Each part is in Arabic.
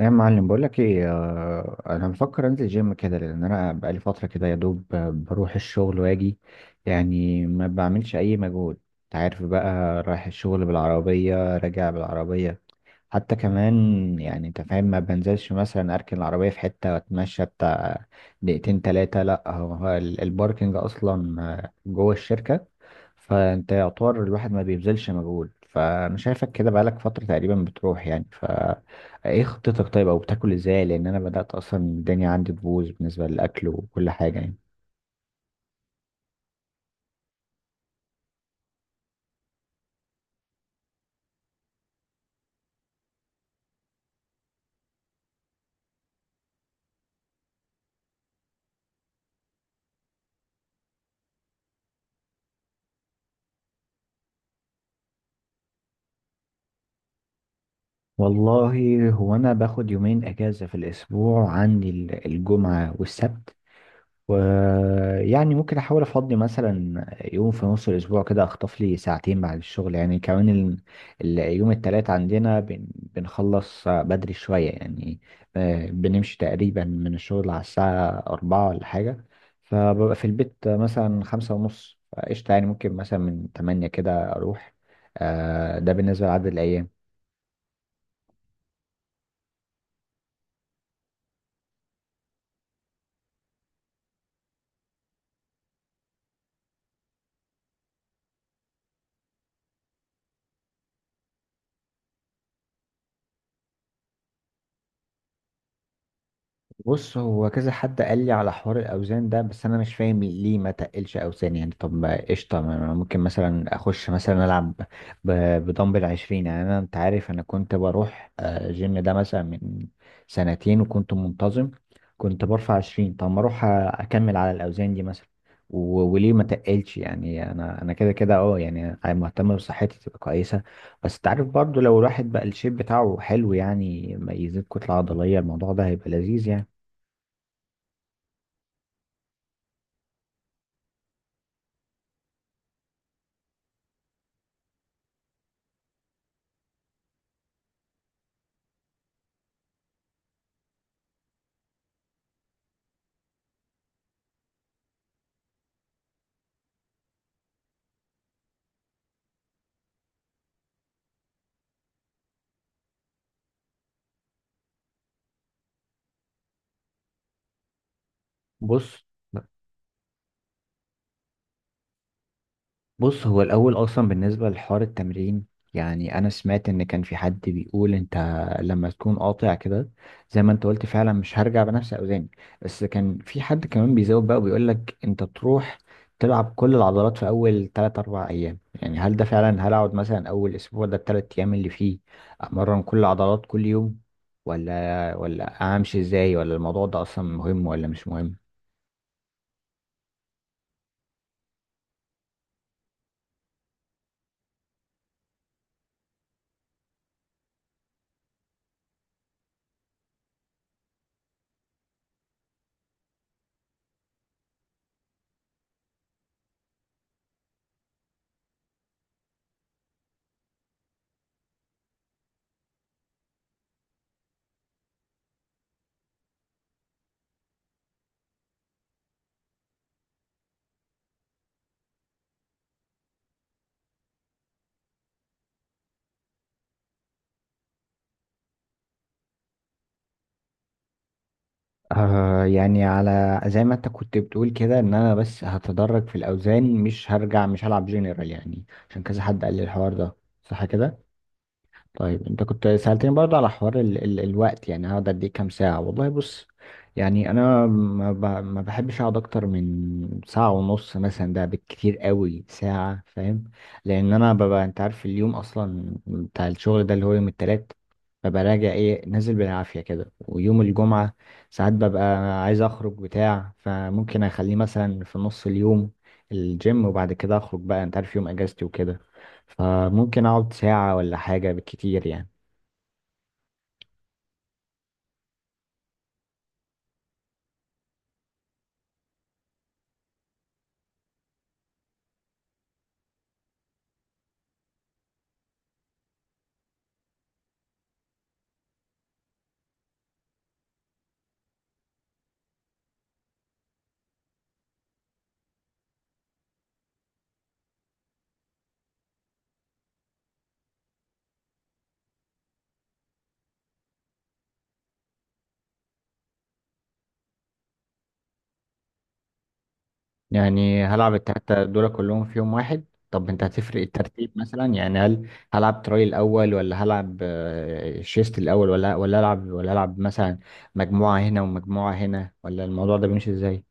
يا معلم، بقول لك ايه؟ انا بفكر انزل جيم كده لان انا بقالي فتره كده يا دوب، بروح الشغل واجي، يعني ما بعملش اي مجهود. انت عارف بقى، رايح الشغل بالعربيه راجع بالعربيه حتى كمان. يعني انت فاهم، ما بنزلش مثلا اركن العربيه في حته واتمشى بتاع دقيقتين تلاتة. لا، الباركنج اصلا جوه الشركه. فانت يعتبر الواحد ما بيبذلش مجهود، فانا شايفك كده بقالك فتره تقريبا بتروح يعني. ايه خطتك طيب؟ او بتاكل ازاي؟ لان انا بدأت اصلا الدنيا عندي تبوظ بالنسبة للاكل وكل حاجة يعني. والله، هو انا باخد يومين اجازة في الاسبوع، عندي الجمعة والسبت، ويعني ممكن احاول افضي مثلا يوم في نص الاسبوع كده، اخطف لي ساعتين بعد الشغل يعني. كمان اليوم التلات عندنا بنخلص بدري شوية يعني. بنمشي تقريبا من الشغل على الساعة أربعة ولا حاجة، فببقى في البيت مثلا خمسة ونص. قشطة، يعني ممكن مثلا من تمانية كده أروح. ده بالنسبة لعدد الأيام. بص، هو كذا حد قال لي على حوار الاوزان ده، بس انا مش فاهم ليه ما تقلش اوزان يعني. طب ما قشطه، ما ممكن مثلا اخش مثلا العب ب- بدمبل 20 يعني. انا انت عارف انا كنت بروح جيم ده مثلا من سنتين وكنت منتظم، كنت برفع 20. طب ما اروح اكمل على الاوزان دي مثلا. و- وليه ما تقلش يعني؟ انا كده كده اه يعني مهتم بصحتي تبقى كويسه. بس تعرف برضو، لو الواحد بقى الشيب بتاعه حلو يعني، ما يزيد كتله عضليه، الموضوع ده هيبقى لذيذ يعني. بص بص، هو الأول أصلا بالنسبة لحوار التمرين، يعني أنا سمعت إن كان في حد بيقول أنت لما تكون قاطع كده، زي ما أنت قلت فعلا مش هرجع بنفس أوزاني. بس كان في حد كمان بيزود بقى وبيقول لك أنت تروح تلعب كل العضلات في أول تلات أربع أيام. يعني هل ده فعلا؟ هل أقعد مثلا أول أسبوع ده، التلات أيام اللي فيه أمرن كل العضلات كل يوم، ولا أمشي إزاي؟ ولا الموضوع ده أصلا مهم ولا مش مهم؟ آه يعني، على زي ما انت كنت بتقول كده، ان انا بس هتدرج في الاوزان، مش هرجع، مش هلعب جنرال يعني، عشان كذا حد قال لي الحوار ده. صح كده؟ طيب، انت كنت سألتني برضه على حوار ال ال الوقت، يعني هقعد قد ايه كام ساعة؟ والله بص، يعني انا ما بحبش اقعد اكتر من ساعة ونص مثلا، ده بالكتير قوي ساعة، فاهم؟ لان انا ببقى انت عارف اليوم اصلا بتاع الشغل ده اللي هو يوم التلات، ببقى راجع ايه، نازل بالعافية كده. ويوم الجمعة ساعات ببقى عايز اخرج بتاع، فممكن اخليه مثلا في نص اليوم الجيم، وبعد كده اخرج بقى، انت عارف يوم اجازتي وكده. فممكن اقعد ساعة ولا حاجة بالكتير يعني. يعني هلعب التلاتة دول كلهم في يوم واحد؟ طب انت هتفرق الترتيب مثلا؟ يعني هل هلعب تراي الاول، ولا هلعب شيست الاول، ولا العب مثلا مجموعة هنا ومجموعة هنا؟ ولا الموضوع ده بيمشي ازاي؟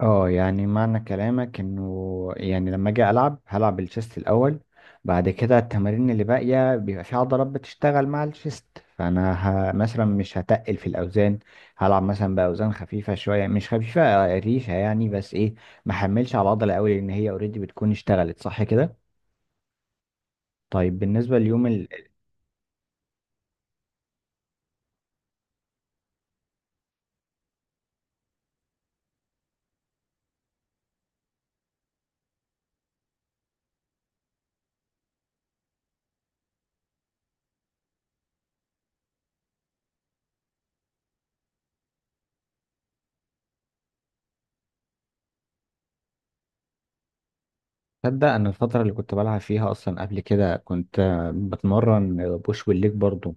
اه يعني معنى كلامك، انه يعني لما اجي العب هلعب الشيست الاول، بعد كده التمارين اللي باقيه بيبقى في عضلات بتشتغل مع الشيست، فانا مثلا مش هتقل في الاوزان، هلعب مثلا باوزان خفيفه شويه، مش خفيفه ريشه يعني، بس ايه ما حملش على العضله قوي لان هي اوريدي بتكون اشتغلت. صح كده؟ طيب بالنسبه ليوم تصدق، انا الفتره اللي كنت بلعب فيها اصلا قبل كده، كنت بتمرن بوش والليج برضو.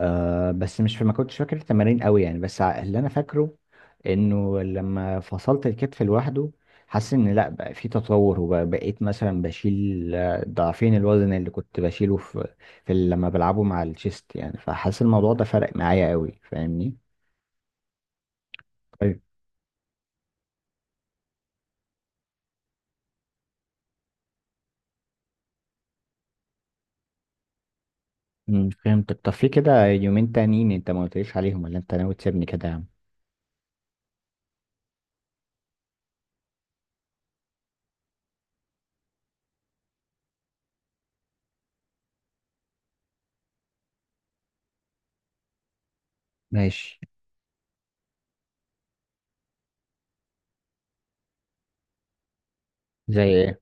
آه بس مش، ما كنتش فاكر التمارين قوي يعني، بس اللي انا فاكره انه لما فصلت الكتف لوحده، حاسس ان لا، بقى في تطور، وبقيت مثلا بشيل ضعفين الوزن اللي كنت بشيله في، لما بلعبه مع الشيست يعني، فحاسس الموضوع ده فرق معايا قوي، فاهمني؟ طيب، فهمتك. طب في كده يومين تانيين انت ما قلتليش عليهم، ولا انت ناوي تسيبني كده يا عم؟ ماشي. زي ايه؟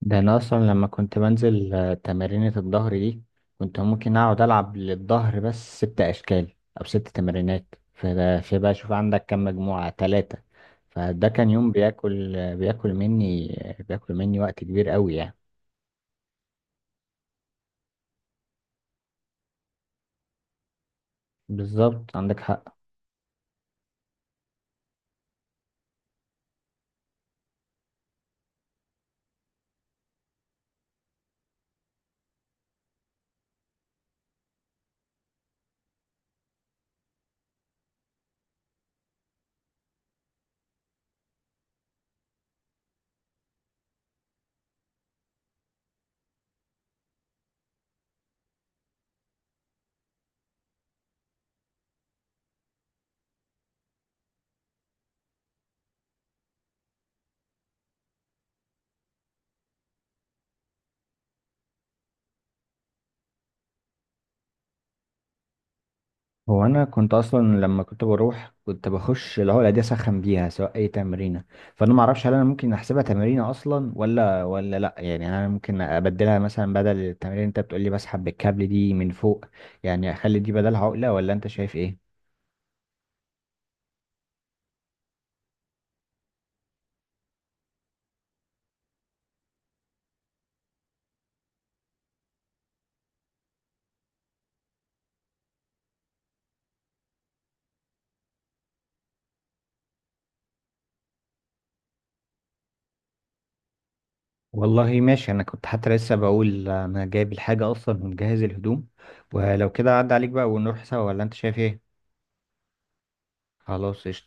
ده انا اصلا لما كنت بنزل تمارينة الظهر دي، كنت ممكن اقعد العب للظهر بس ست اشكال او ست تمارينات، فده في بقى شوف عندك كم مجموعة ثلاثة، فده كان يوم بياكل بياكل مني وقت كبير قوي يعني. بالظبط، عندك حق. هو انا كنت اصلا لما كنت بروح كنت بخش اللي هو الاداه اسخن بيها سواء اي تمرينه، فانا ما اعرفش هل انا ممكن احسبها تمرينه اصلا ولا ولا لا يعني، هل انا ممكن ابدلها مثلا بدل التمرين اللي انت بتقول لي بسحب بالكابل دي من فوق، يعني اخلي دي بدل عقله، ولا انت شايف ايه؟ والله ماشي، انا كنت حتى لسه بقول انا جايب الحاجه اصلا ومجهز الهدوم، ولو كده عدى عليك بقى ونروح سوا، ولا انت شايف ايه؟ خلاص قشطة.